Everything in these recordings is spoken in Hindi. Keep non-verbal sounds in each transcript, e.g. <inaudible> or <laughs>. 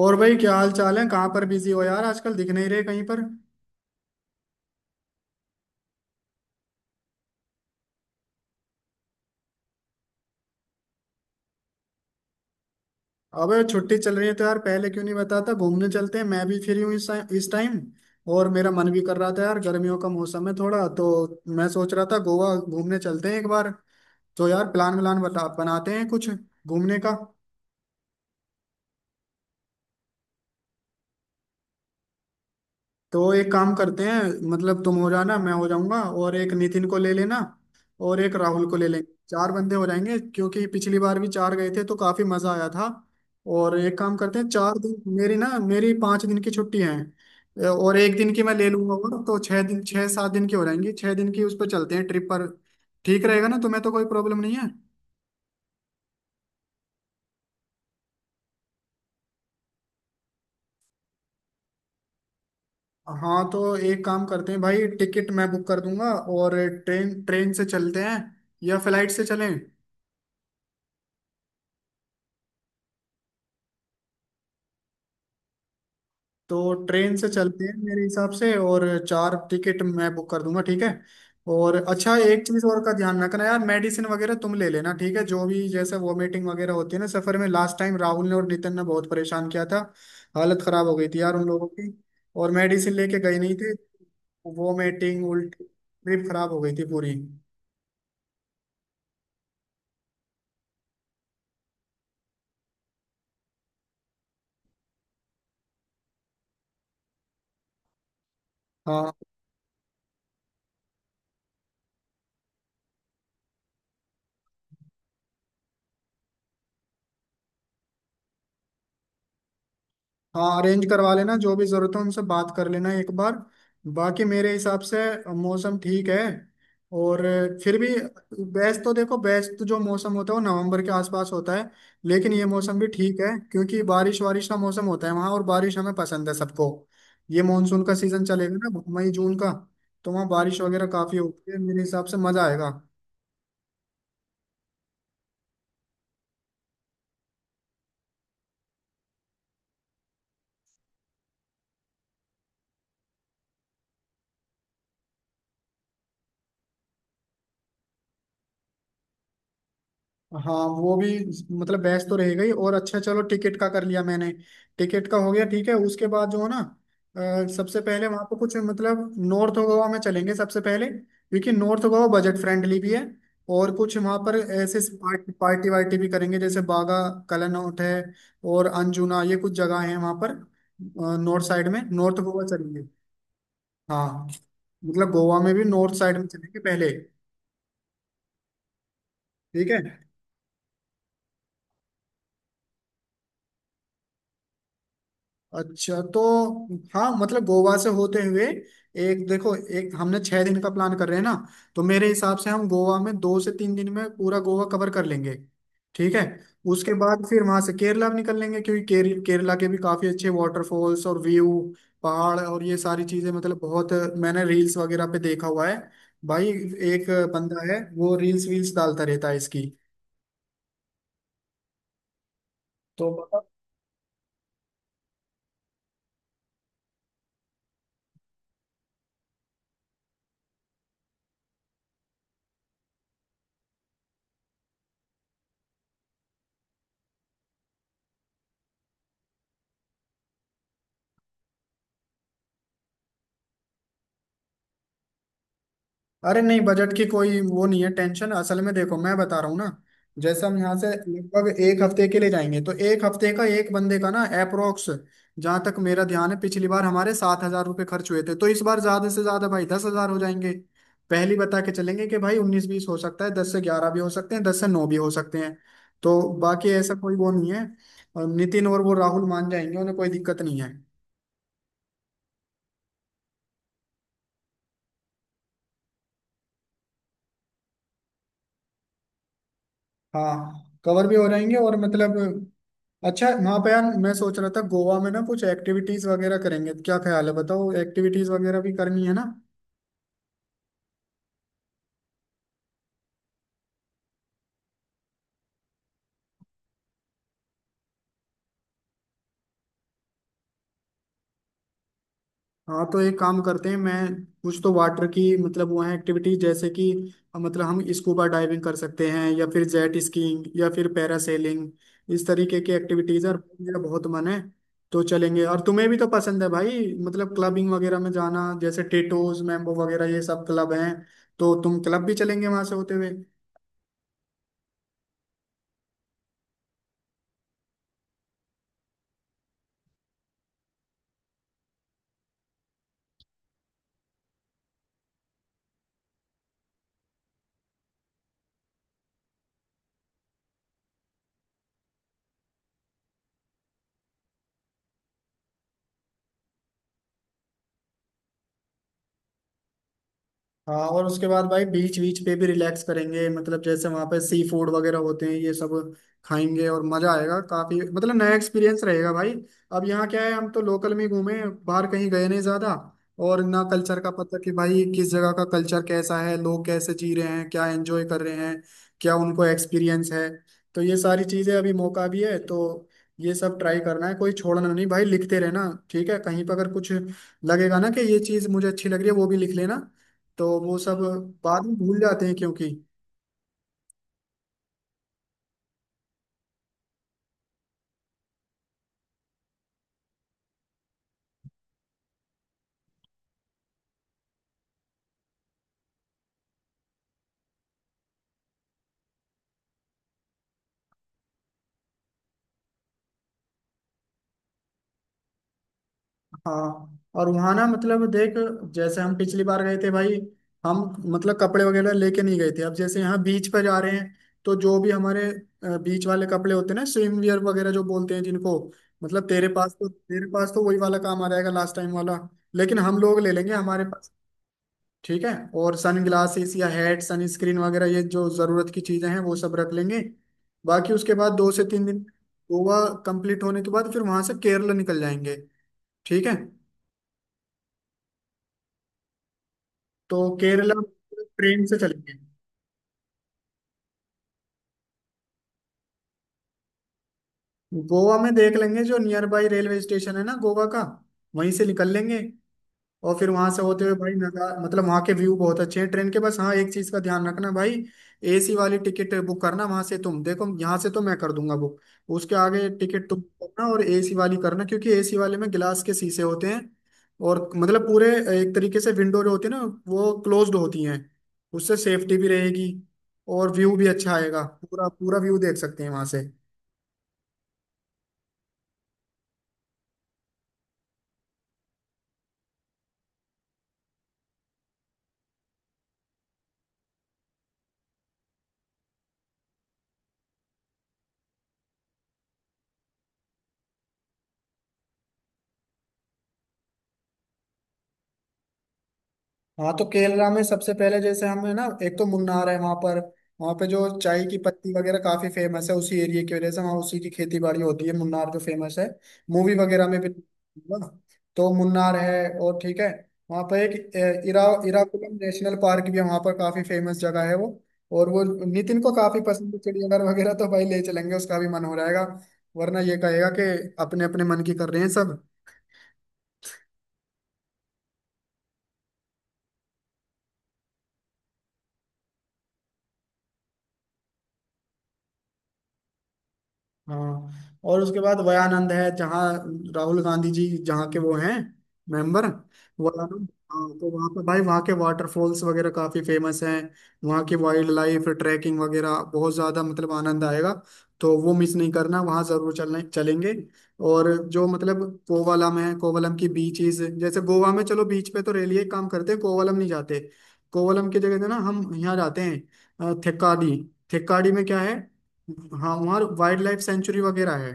और भाई क्या हाल चाल है, कहाँ पर बिजी हो यार, आजकल दिख नहीं रहे कहीं पर। अबे छुट्टी चल रही है तो यार पहले क्यों नहीं बताता, घूमने चलते हैं, मैं भी फ्री हूँ इस टाइम। और मेरा मन भी कर रहा था यार, गर्मियों का मौसम है थोड़ा तो मैं सोच रहा था गोवा घूमने चलते हैं एक बार। तो यार प्लान व्लान बता, बनाते हैं कुछ घूमने का। तो एक काम करते हैं, मतलब तुम हो जाना, मैं हो जाऊंगा और एक नितिन को ले लेना और एक राहुल को ले लेंगे, चार बंदे हो जाएंगे, क्योंकि पिछली बार भी चार गए थे तो काफी मजा आया था। और एक काम करते हैं, 4 दिन मेरी 5 दिन की छुट्टी है और एक दिन की मैं ले लूंगा और तो 6 दिन, 6-7 दिन की हो जाएंगी, 6 दिन की, उस पर चलते हैं ट्रिप पर। ठीक रहेगा ना, तुम्हें तो कोई प्रॉब्लम नहीं है। हाँ तो एक काम करते हैं भाई, टिकट मैं बुक कर दूंगा और ट्रेन ट्रेन से चलते हैं या फ्लाइट से चलें। तो ट्रेन से चलते हैं मेरे हिसाब से, और चार टिकट मैं बुक कर दूंगा, ठीक है। और अच्छा एक चीज और का ध्यान रखना यार, मेडिसिन वगैरह तुम ले लेना, ठीक है, जो भी, जैसे वॉमिटिंग वगैरह होती है ना सफर में, लास्ट टाइम राहुल ने और नितिन ने बहुत परेशान किया था। हालत खराब हो गई थी यार उन लोगों की, और मेडिसिन लेके गए नहीं थे। वॉमिटिंग, उल्टी, ट्रिप खराब हो गई थी पूरी। हाँ, हाँ अरेंज करवा लेना, जो भी जरूरत हो उनसे बात कर लेना एक बार। बाकी मेरे हिसाब से मौसम ठीक है, और फिर भी, बेस्ट तो, देखो बेस्ट जो मौसम होता है वो नवंबर के आसपास होता है, लेकिन ये मौसम भी ठीक है क्योंकि बारिश वारिश का मौसम होता है वहाँ, और बारिश हमें पसंद है सबको। ये मानसून का सीजन चलेगा ना, मई जून का, तो वहाँ बारिश वगैरह काफी होती है, मेरे हिसाब से मजा आएगा। हाँ वो भी, मतलब बहस तो रह गई। और अच्छा चलो टिकट का कर लिया मैंने, टिकट का हो गया, ठीक है। उसके बाद जो है ना, सबसे पहले वहां पर कुछ, मतलब नॉर्थ गोवा में चलेंगे सबसे पहले, क्योंकि नॉर्थ गोवा बजट फ्रेंडली भी है और कुछ वहां पर ऐसे पार्टी पार्टी वार्टी भी करेंगे, जैसे बागा, कलानौट है और अंजुना, ये कुछ जगह है वहां पर, नॉर्थ साइड में, नॉर्थ गोवा चलेंगे। हाँ मतलब गोवा में भी नॉर्थ साइड में चलेंगे पहले, ठीक है। अच्छा तो, हाँ मतलब गोवा से होते हुए, एक देखो, एक हमने 6 दिन का प्लान कर रहे हैं ना, तो मेरे हिसाब से हम गोवा में 2 से 3 दिन में पूरा गोवा कवर कर लेंगे, ठीक है। उसके बाद फिर वहां से केरला भी निकल लेंगे, क्योंकि केरला के भी काफी अच्छे वाटरफॉल्स और व्यू, पहाड़, और ये सारी चीजें, मतलब बहुत, मैंने रील्स वगैरह पे देखा हुआ है भाई। एक बंदा है वो रील्स वील्स डालता रहता है इसकी। तो, अरे नहीं, बजट की कोई वो नहीं है, टेंशन, असल में देखो मैं बता रहा हूँ ना, जैसे हम यहाँ से लगभग एक हफ्ते के लिए जाएंगे तो एक हफ्ते का एक बंदे का ना अप्रोक्स, जहाँ तक मेरा ध्यान है पिछली बार हमारे 7 हजार रुपये खर्च हुए थे, तो इस बार ज्यादा से ज्यादा भाई 10 हजार हो जाएंगे। पहली बता के चलेंगे कि भाई 19-20 हो सकता है, 10 से 11 भी हो सकते हैं, 10 से 9 भी हो सकते हैं, तो बाकी ऐसा कोई वो नहीं है। और नितिन और वो राहुल मान जाएंगे, उन्हें कोई दिक्कत नहीं है। हाँ कवर भी हो जाएंगे और मतलब, अच्छा वहां पे यार मैं सोच रहा था गोवा में ना कुछ एक्टिविटीज वगैरह करेंगे, क्या ख्याल है बताओ, एक्टिविटीज वगैरह भी करनी है ना। हाँ तो एक काम करते हैं, मैं कुछ तो वाटर की, मतलब वो है एक्टिविटीज जैसे कि, मतलब हम स्कूबा डाइविंग कर सकते हैं या फिर जेट स्कीइंग या फिर पैरासेलिंग, इस तरीके की एक्टिविटीज यार, मेरा बहुत मन है तो चलेंगे। और तुम्हें भी तो पसंद है भाई, मतलब क्लबिंग वगैरह में जाना, जैसे टेटोज, मैम्बो वगैरह ये सब क्लब हैं, तो तुम क्लब भी चलेंगे वहां से होते हुए। हाँ और उसके बाद भाई बीच बीच पे भी रिलैक्स करेंगे, मतलब जैसे वहां पे सी फूड वगैरह होते हैं ये सब, खाएंगे और मजा आएगा काफी, मतलब नया एक्सपीरियंस रहेगा भाई। अब यहाँ क्या है, हम तो लोकल में ही घूमे, बाहर कहीं गए नहीं ज्यादा, और ना कल्चर का पता कि भाई किस जगह का कल्चर कैसा है, लोग कैसे जी रहे हैं, क्या एंजॉय कर रहे हैं, क्या उनको एक्सपीरियंस है। तो ये सारी चीजें अभी मौका भी है तो ये सब ट्राई करना है, कोई छोड़ना नहीं भाई, लिखते रहना ठीक है, कहीं पर अगर कुछ लगेगा ना कि ये चीज मुझे अच्छी लग रही है वो भी लिख लेना, तो वो सब बाद में भूल जाते हैं क्योंकि। हाँ और वहां ना मतलब देख, जैसे हम पिछली बार गए थे भाई, हम मतलब कपड़े वगैरह लेके नहीं गए थे, अब जैसे यहाँ बीच पर जा रहे हैं तो जो भी हमारे बीच वाले कपड़े होते हैं ना, स्विम वियर वगैरह जो बोलते हैं जिनको, मतलब तेरे पास तो वही वाला काम आ जाएगा लास्ट टाइम वाला, लेकिन हम लोग ले लेंगे हमारे पास, ठीक है। और सन ग्लासेस या हेड सन स्क्रीन वगैरह ये जो जरूरत की चीजें हैं वो सब रख लेंगे। बाकी उसके बाद 2 से 3 दिन गोवा कंप्लीट होने के बाद फिर वहां से केरला निकल जाएंगे, ठीक है। तो केरला ट्रेन से चलेंगे, गोवा में देख लेंगे जो नियर बाई रेलवे स्टेशन है ना गोवा का, वहीं से निकल लेंगे। और फिर वहां से होते हुए भाई नज़ारा, मतलब वहां के व्यू बहुत अच्छे हैं ट्रेन के, बस हाँ एक चीज का ध्यान रखना भाई, AC वाली टिकट बुक करना, वहां से तुम देखो, यहाँ से तो मैं कर दूंगा बुक, उसके आगे टिकट तुम करना, और AC वाली करना, क्योंकि AC वाले में गिलास के शीशे होते हैं, और मतलब पूरे एक तरीके से विंडो जो होती है ना वो क्लोज्ड होती हैं, उससे सेफ्टी भी रहेगी और व्यू भी अच्छा आएगा, पूरा पूरा व्यू देख सकते हैं वहां से। हाँ तो केरला में सबसे पहले जैसे हम है ना, एक तो मुन्नार है वहां पर, वहां पे जो चाय की पत्ती वगैरह काफी फेमस है उसी एरिया की वजह से, वहाँ उसी की खेती बाड़ी होती है, मुन्नार जो फेमस है मूवी वगैरह में भी ना, तो मुन्नार है और ठीक है, वहाँ पर एक ए, इरा इराकुलम नेशनल पार्क भी है वहाँ पर, काफी फेमस जगह है वो, और वो नितिन को काफी पसंद है चिड़ियाघर वगैरह, तो भाई ले चलेंगे, उसका भी मन हो जाएगा, वरना ये कहेगा कि अपने अपने मन की कर रहे हैं सब। हाँ और उसके बाद वयानंद है, जहाँ राहुल गांधी जी जहाँ के वो हैं मेंबर, वयानंद, हाँ तो वहाँ पे भाई वहाँ के वाटरफॉल्स वगैरह काफी फेमस हैं, वहाँ की वाइल्ड लाइफ ट्रैकिंग वगैरह बहुत ज्यादा, मतलब आनंद आएगा, तो वो मिस नहीं करना, वहाँ जरूर चलने चलेंगे। और जो मतलब कोवलम है, कोवलम की बीचेस, जैसे गोवा में चलो बीच पे तो रेलिए काम करते हैं, कोवलम नहीं जाते, कोवलम की जगह से ना हम यहाँ जाते हैं थेक्काडी, थेक्काडी में क्या है, हाँ वहाँ वाइल्ड लाइफ सेंचुरी वगैरह है।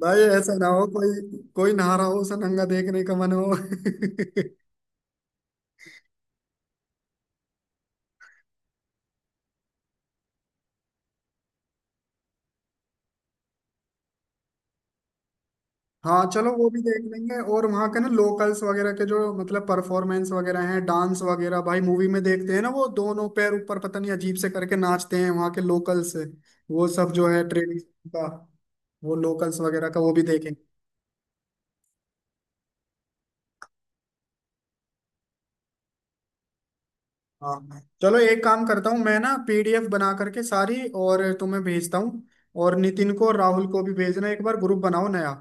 भाई ऐसा ना हो कोई कोई नहा रहा हो उसे नंगा देखने का मन हो <laughs> हाँ चलो वो भी देख लेंगे, और वहाँ के ना लोकल्स वगैरह के जो मतलब परफॉर्मेंस वगैरह हैं, डांस वगैरह, भाई मूवी में देखते हैं ना, वो दोनों पैर ऊपर, पता नहीं अजीब से करके नाचते हैं वहाँ के लोकल्स, वो सब जो है ट्रेडिशन का, वो लोकल्स वगैरह का, वो भी देखेंगे। हाँ चलो एक काम करता हूँ मैं ना, PDF बना करके सारी, और तुम्हें भेजता हूँ, और नितिन को और राहुल को भी भेजना, एक बार ग्रुप बनाओ नया,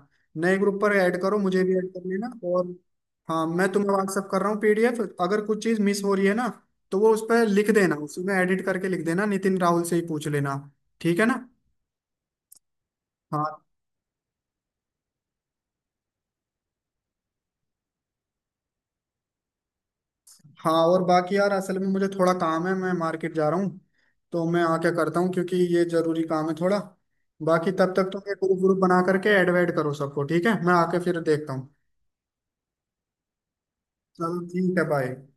नए ग्रुप पर ऐड करो, मुझे भी ऐड कर लेना और, हाँ मैं तुम्हें व्हाट्सअप कर रहा हूँ PDF, अगर कुछ चीज़ मिस हो रही है ना तो वो उस पर लिख देना, उसमें एडिट करके लिख देना, नितिन राहुल से ही पूछ लेना, ठीक है ना। हाँ, हाँ और बाकी यार असल में मुझे थोड़ा काम है, मैं मार्केट जा रहा हूँ, तो मैं आके करता हूँ, क्योंकि ये जरूरी काम है थोड़ा, बाकी तब तक तुम ये ग्रुप ग्रुप बना करके ऐड वैड करो सबको, ठीक है मैं आके फिर देखता हूँ। चलो ठीक है, बाय।